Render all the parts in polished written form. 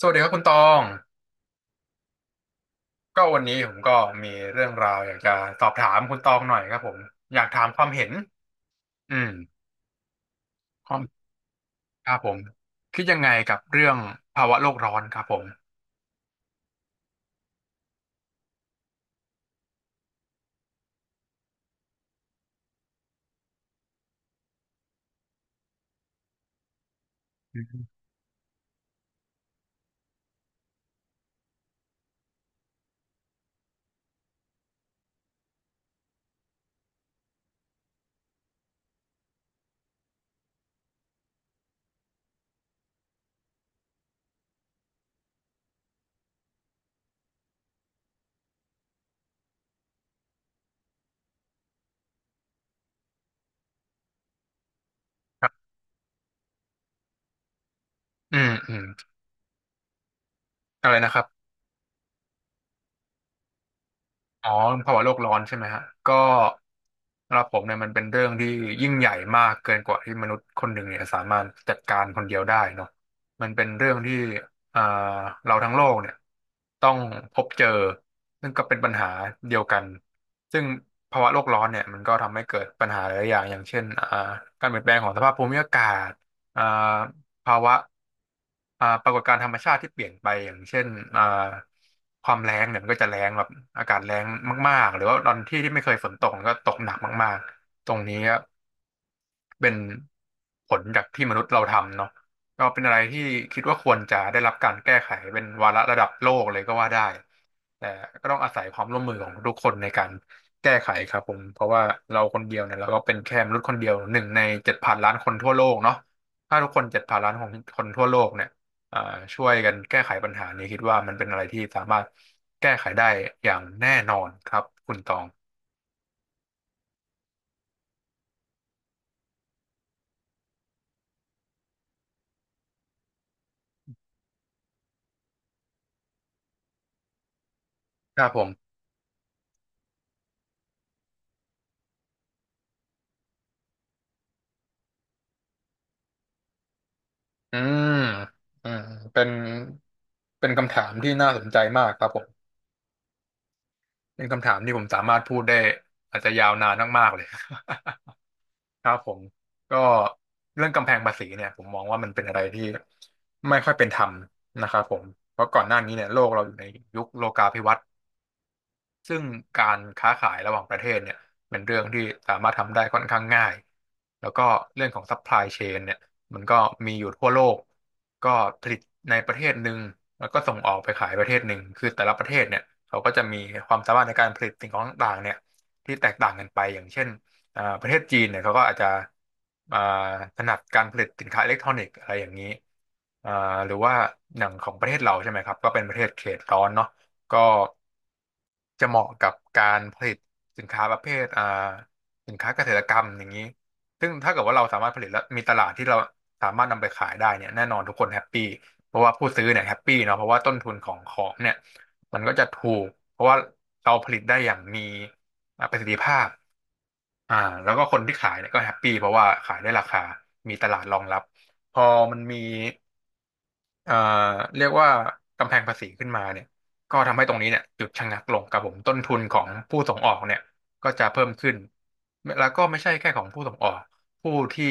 สวัสดีครับคุณตองก็วันนี้ผมก็มีเรื่องราวอยากจะสอบถามคุณตองหน่อยครับผมอยากถามความเห็นอืมความครับผมคิดยังไงกับเรื่องภาวะโลกร้อนครับผมอืมครับอืมอืมอะไรนะครับ อ๋อภาวะโลกร้อนใช่ไหมฮะก็สำหรับผมเนี่ยมันเป็นเรื่องที่ยิ่งใหญ่มากเกินกว่าที่มนุษย์คนหนึ่งเนี่ยสามารถจัดการคนเดียวได้เนาะมันเป็นเรื่องที่อ่าเราทั้งโลกเนี่ยต้องพบเจอซึ่งก็เป็นปัญหาเดียวกันซึ่งภาวะโลกร้อนเนี่ยมันก็ทำให้เกิดปัญหาหลายอย่างอย่างเช่นการเปลี่ยนแปลงของสภาพภูมิอากาศอ่าภาวะ อ่าปรากฏการณ์ธรรมชาติที่เปลี่ยนไปอย่างเช่นอ่าความแล้งเนี่ยมันก็จะแล้งแบบอากาศแล้งมากๆหรือว่าตอนที่ที่ไม่เคยฝนตกมันก็ตกหนักมากๆตรงนี้ เป็นผลจากที่มนุษย์เราทำเนาะก็เป็นอะไรที่คิดว่าควรจะได้รับการแก้ไขเป็นวาระระดับโลกเลยก็ว่าได้แต่ก็ต้องอาศัยความร่วมมือของทุกคนในการแก้ไขครับผมเพราะว่าเราคนเดียวเนี่ยเราก็เป็นแค่มนุษย์คนเดียวหนึ่งในเจ็ดพันล้านคนทั่วโลกเนาะถ้าทุกคนเจ็ดพันล้านของคนทั่วโลกเนี่ยอ่าช่วยกันแก้ไขปัญหานี้คิดว่ามันเป็นอะไรที่สามารถแก้ไขได้อย่างแน่นอนครับคุณตองครับผม อืมอ่าเป็นเป็นคำถามที่น่าสนใจมากครับผม เป็นคำถามที่ผมสามารถพูดได้อาจจะยาวนานมากๆเลย ครับผมก็เรื่องกำแพงภาษีเนี่ยผมมองว่ามันเป็นอะไรที่ไม่ค่อยเป็นธรรมนะครับผมเพราะก่อนหน้านี้เนี่ยโลกเราอยู่ในยุคโลกาภิวัตน์ ซึ่งการค้าขายระหว่างประเทศเนี่ยเป็นเรื่องที่สามารถทำได้ค่อนข้างง่ายแล้วก็เรื่องของซัพพลายเชนเนี่ยมันก็มีอยู่ทั่วโลกก็ผลิตในประเทศหนึ่งแล้วก็ส่งออกไปขายประเทศหนึ่งคือแต่ละประเทศเนี่ยเขาก็จะมีความสามารถในการผลิตสิ่งของต่างๆเนี่ยที่แตกต่างกันไปอย่างเช่นประเทศจีนเนี่ยเขาก็อาจจะอ่าถนัดการผลิตสินค้าอิเล็กทรอนิกส์อะไรอย่างนี้อ่าหรือว่าอย่างของประเทศเราใช่ไหมครับก็เป็นประเทศเขตร้อนเนาะ ก็จะเหมาะกับการผลิตสินค้าประเภทสินค้าเกษตรกรรมอย่างนี้ซึ่งถ้าเกิดว่าเราสามารถผลิตแล้วมีตลาดที่เราสามารถนำไปขายได้เนี่ยแน่นอนทุกคนแฮปปี้เพราะว่าผู้ซื้อเนี่ยแฮปปี้เนาะเพราะว่าต้นทุนของของเนี่ยมันก็จะถูกเพราะว่าเราผลิตได้อย่างมีประสิทธิภาพอ่าแล้วก็คนที่ขายเนี่ยก็แฮปปี้เพราะว่าขายได้ราคามีตลาดรองรับพอมันมี เอ่อเรียกว่ากำแพงภาษีขึ้นมาเนี่ยก็ทำให้ตรงนี้เนี่ยหยุดชะงักลงครับผมต้นทุนของผู้ส่งออกเนี่ยก็จะเพิ่มขึ้นแล้วก็ไม่ใช่แค่ของผู้ส่งออกผู้ที่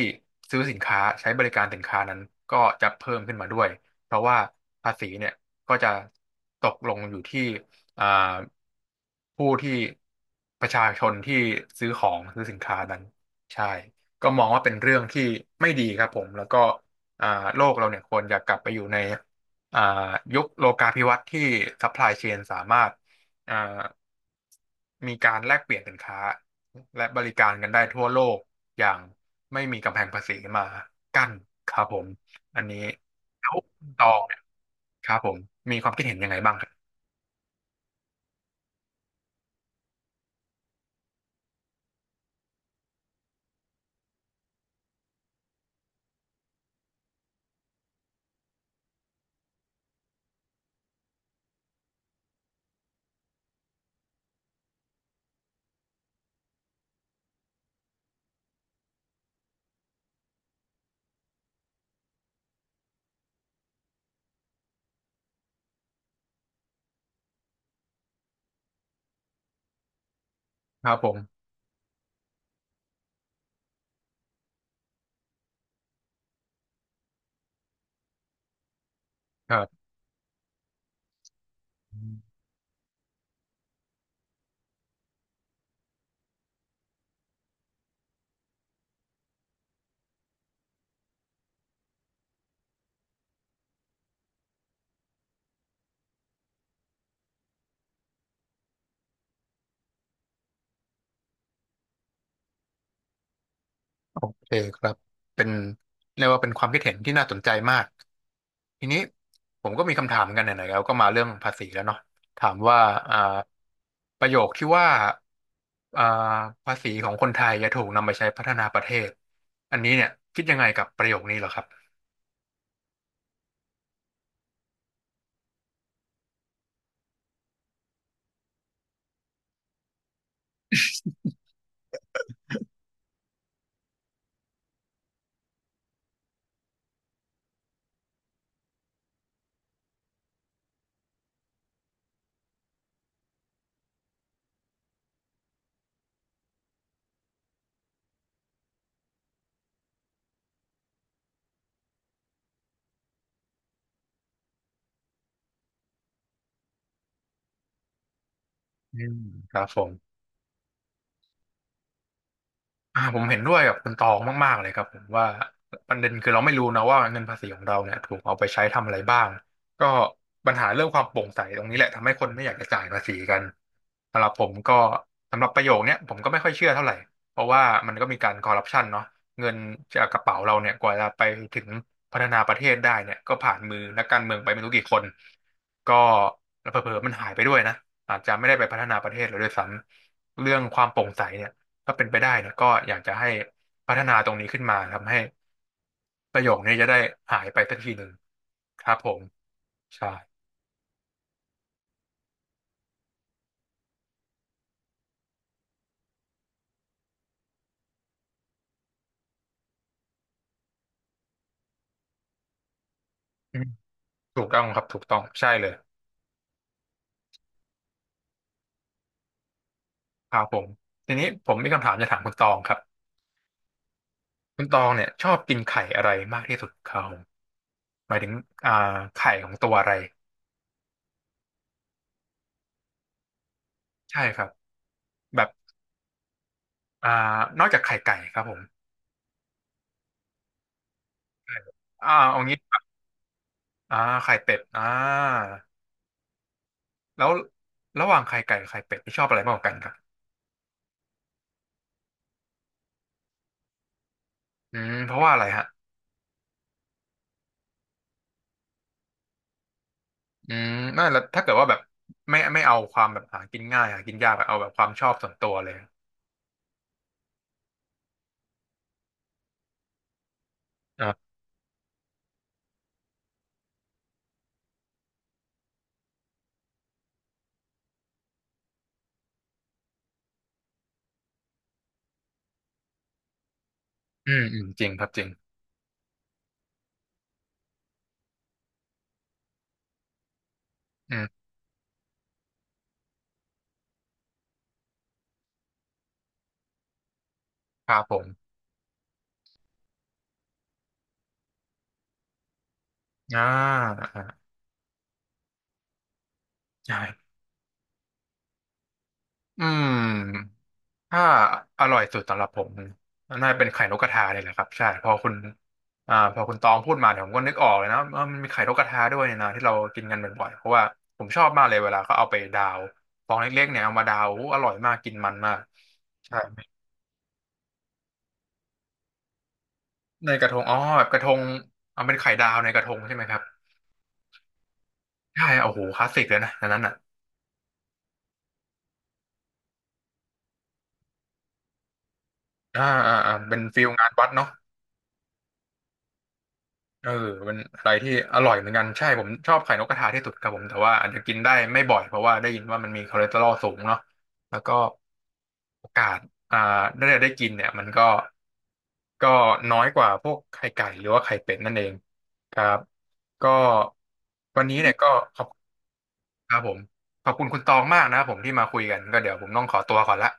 ซื้อสินค้าใช้บริการสินค้านั้นก็จะเพิ่มขึ้นมาด้วยเพราะว่าภาษีเนี่ยก็จะตกลงอยู่ที่อ่าผู้ที่ประชาชนที่ซื้อของซื้อสินค้านั้นใช่ก็มองว่าเป็นเรื่องที่ไม่ดีครับผมแล้วก็ อ่าโลกเราเนี่ยควรจะกลับไปอยู่ในอ่ายุคโลกาภิวัตน์ที่ซัพพลายเชนสามารถอ่ามีการแลกเปลี่ยนสินค้าและบริการกันได้ทั่วโลกอย่างไม่มีกำแพงภาษีมากั้นครับผมอันนี้แล้วคุณตองเนี่ยครับผมมีความคิดเห็นยังไงบ้างครับครับผมครับ โอเคครับเป็นเรียกว่าเป็นความคิดเห็นที่น่าสนใจมาก ทีนี้ผมก็มีคำถามเหมือนกันไหนๆแล้วก็มาเรื่องภาษีแล้วเนาะถามว่าอ่าประโยคที่ว่าอ่าภาษีของคนไทยจะถูกนำไปใช้พัฒนาประเทศ อันนี้เนี่ยคิดยังไงกับประโยคนี้เหรอครับอืมครับผม ผมเห็นด้วยกับคุณตองมากๆเลยครับผมว่าประเด็นคือเราไม่รู้นะว่าเงินภาษีของเราเนี่ยถูกเอาไปใช้ทำอะไรบ้างก็ปัญหาเรื่องความโปร่งใสตรงนี้แหละทำให้คนไม่อยากจะจ่ายภาษีกันสำหรับผมก็สำหรับประโยคเนี้ยผมก็ไม่ค่อยเชื่อเท่าไหร่เพราะว่ามันก็มีการคอร์รัปชันเนาะเงินจากกระเป๋าเราเนี่ยกว่าจะไปถึงพัฒนาประเทศได้เนี่ยก็ผ่านมือนักการเมืองไปไม่รู้กี่คนก็เผลอๆมันหายไปด้วยนะอาจจะไม่ได้ไปพัฒนาประเทศเลยด้วยซ้ำเรื่องความโปร่งใสเนี่ย ถ้าเป็นไปได้เนี่ยก็อยากจะให้พัฒนาตรงนี้ขึ้นมาทำให้ประโยคนี้จะได้หายไปสักทีหนึ่งครับผมใช่อืมถูกต้องครับถูกต้องใช่เลยครับผมทีนี้ผมมีคำถามจะถามคุณตองครับคุณตองเนี่ยชอบกินไข่อะไรมากที่สุดครับผมหมายถึงอ่าไข่ของตัวอะไรใช่ครับแบบอ่านอกจากไข่ไก่ครับผมใช่เอางี้ครับอ่าไข่เป็ดอ่าแล้วระหว่างไข่ไก่กับไข่เป็ดที่ชอบอะไรมากกว่ากันครับอืมเพราะว่าอะไรฮะ อืมนั่นแล้วถ้าเกิดว่าแบบไม่เอาความแบบหากินง่ายหากินยากอะเอาแบบความชอบส่วนตัวเลยอ่ะอืมอืมจริงครับจริงอืมครับผมอ่าอ่าใช่อืมถ้าอร่อยสุดสำหรับผมน่าจะเป็นไข่นกกระทาเลยแหละครับใช่พอคุณพอคุณตองพูดมาเนี่ยผมก็นึกออกเลยนะว่ามันมีไข่นกกระทาด้วยเนี่ยนะที่เรากินกันบ่อยๆเพราะว่าผมชอบมากเลยเวลาเขาเอาไปดาวฟองเล็กๆเนี่ยเอามาดาวอู้อร่อยมากกินมันมาก ในกระทงอ๋อแบบกระทงเอาเป็นไข่ดาวในกระทงใช่ไหมครับใช่โอ้โหคลาสสิกเลยนะอันนั้นอ่ะอ่าอ่าอ่าเป็นฟิลงานวัดเนาะเออเป็นอะไรที่อร่อยเหมือนกันใช่ผมชอบไข่นกกระทาที่สุดครับผมแต่ว่าอาจจะกินได้ไม่บ่อยเพราะว่าได้ยินว่ามันมีคอเลสเตอรอลสูงเนาะแล้วก็โอกาสอ่าได้กินเนี่ยมันก็ก็น้อยกว่าพวกไข่ไก่หรือว่าไข่เป็ดนั่นเองครับก็วันนี้เนี่ยก็ขอบ ครับผมขอบคุณคุณตองมากนะครับผมที่มาคุยกันก็เดี๋ยวผมต้องขอตัวก่อนละ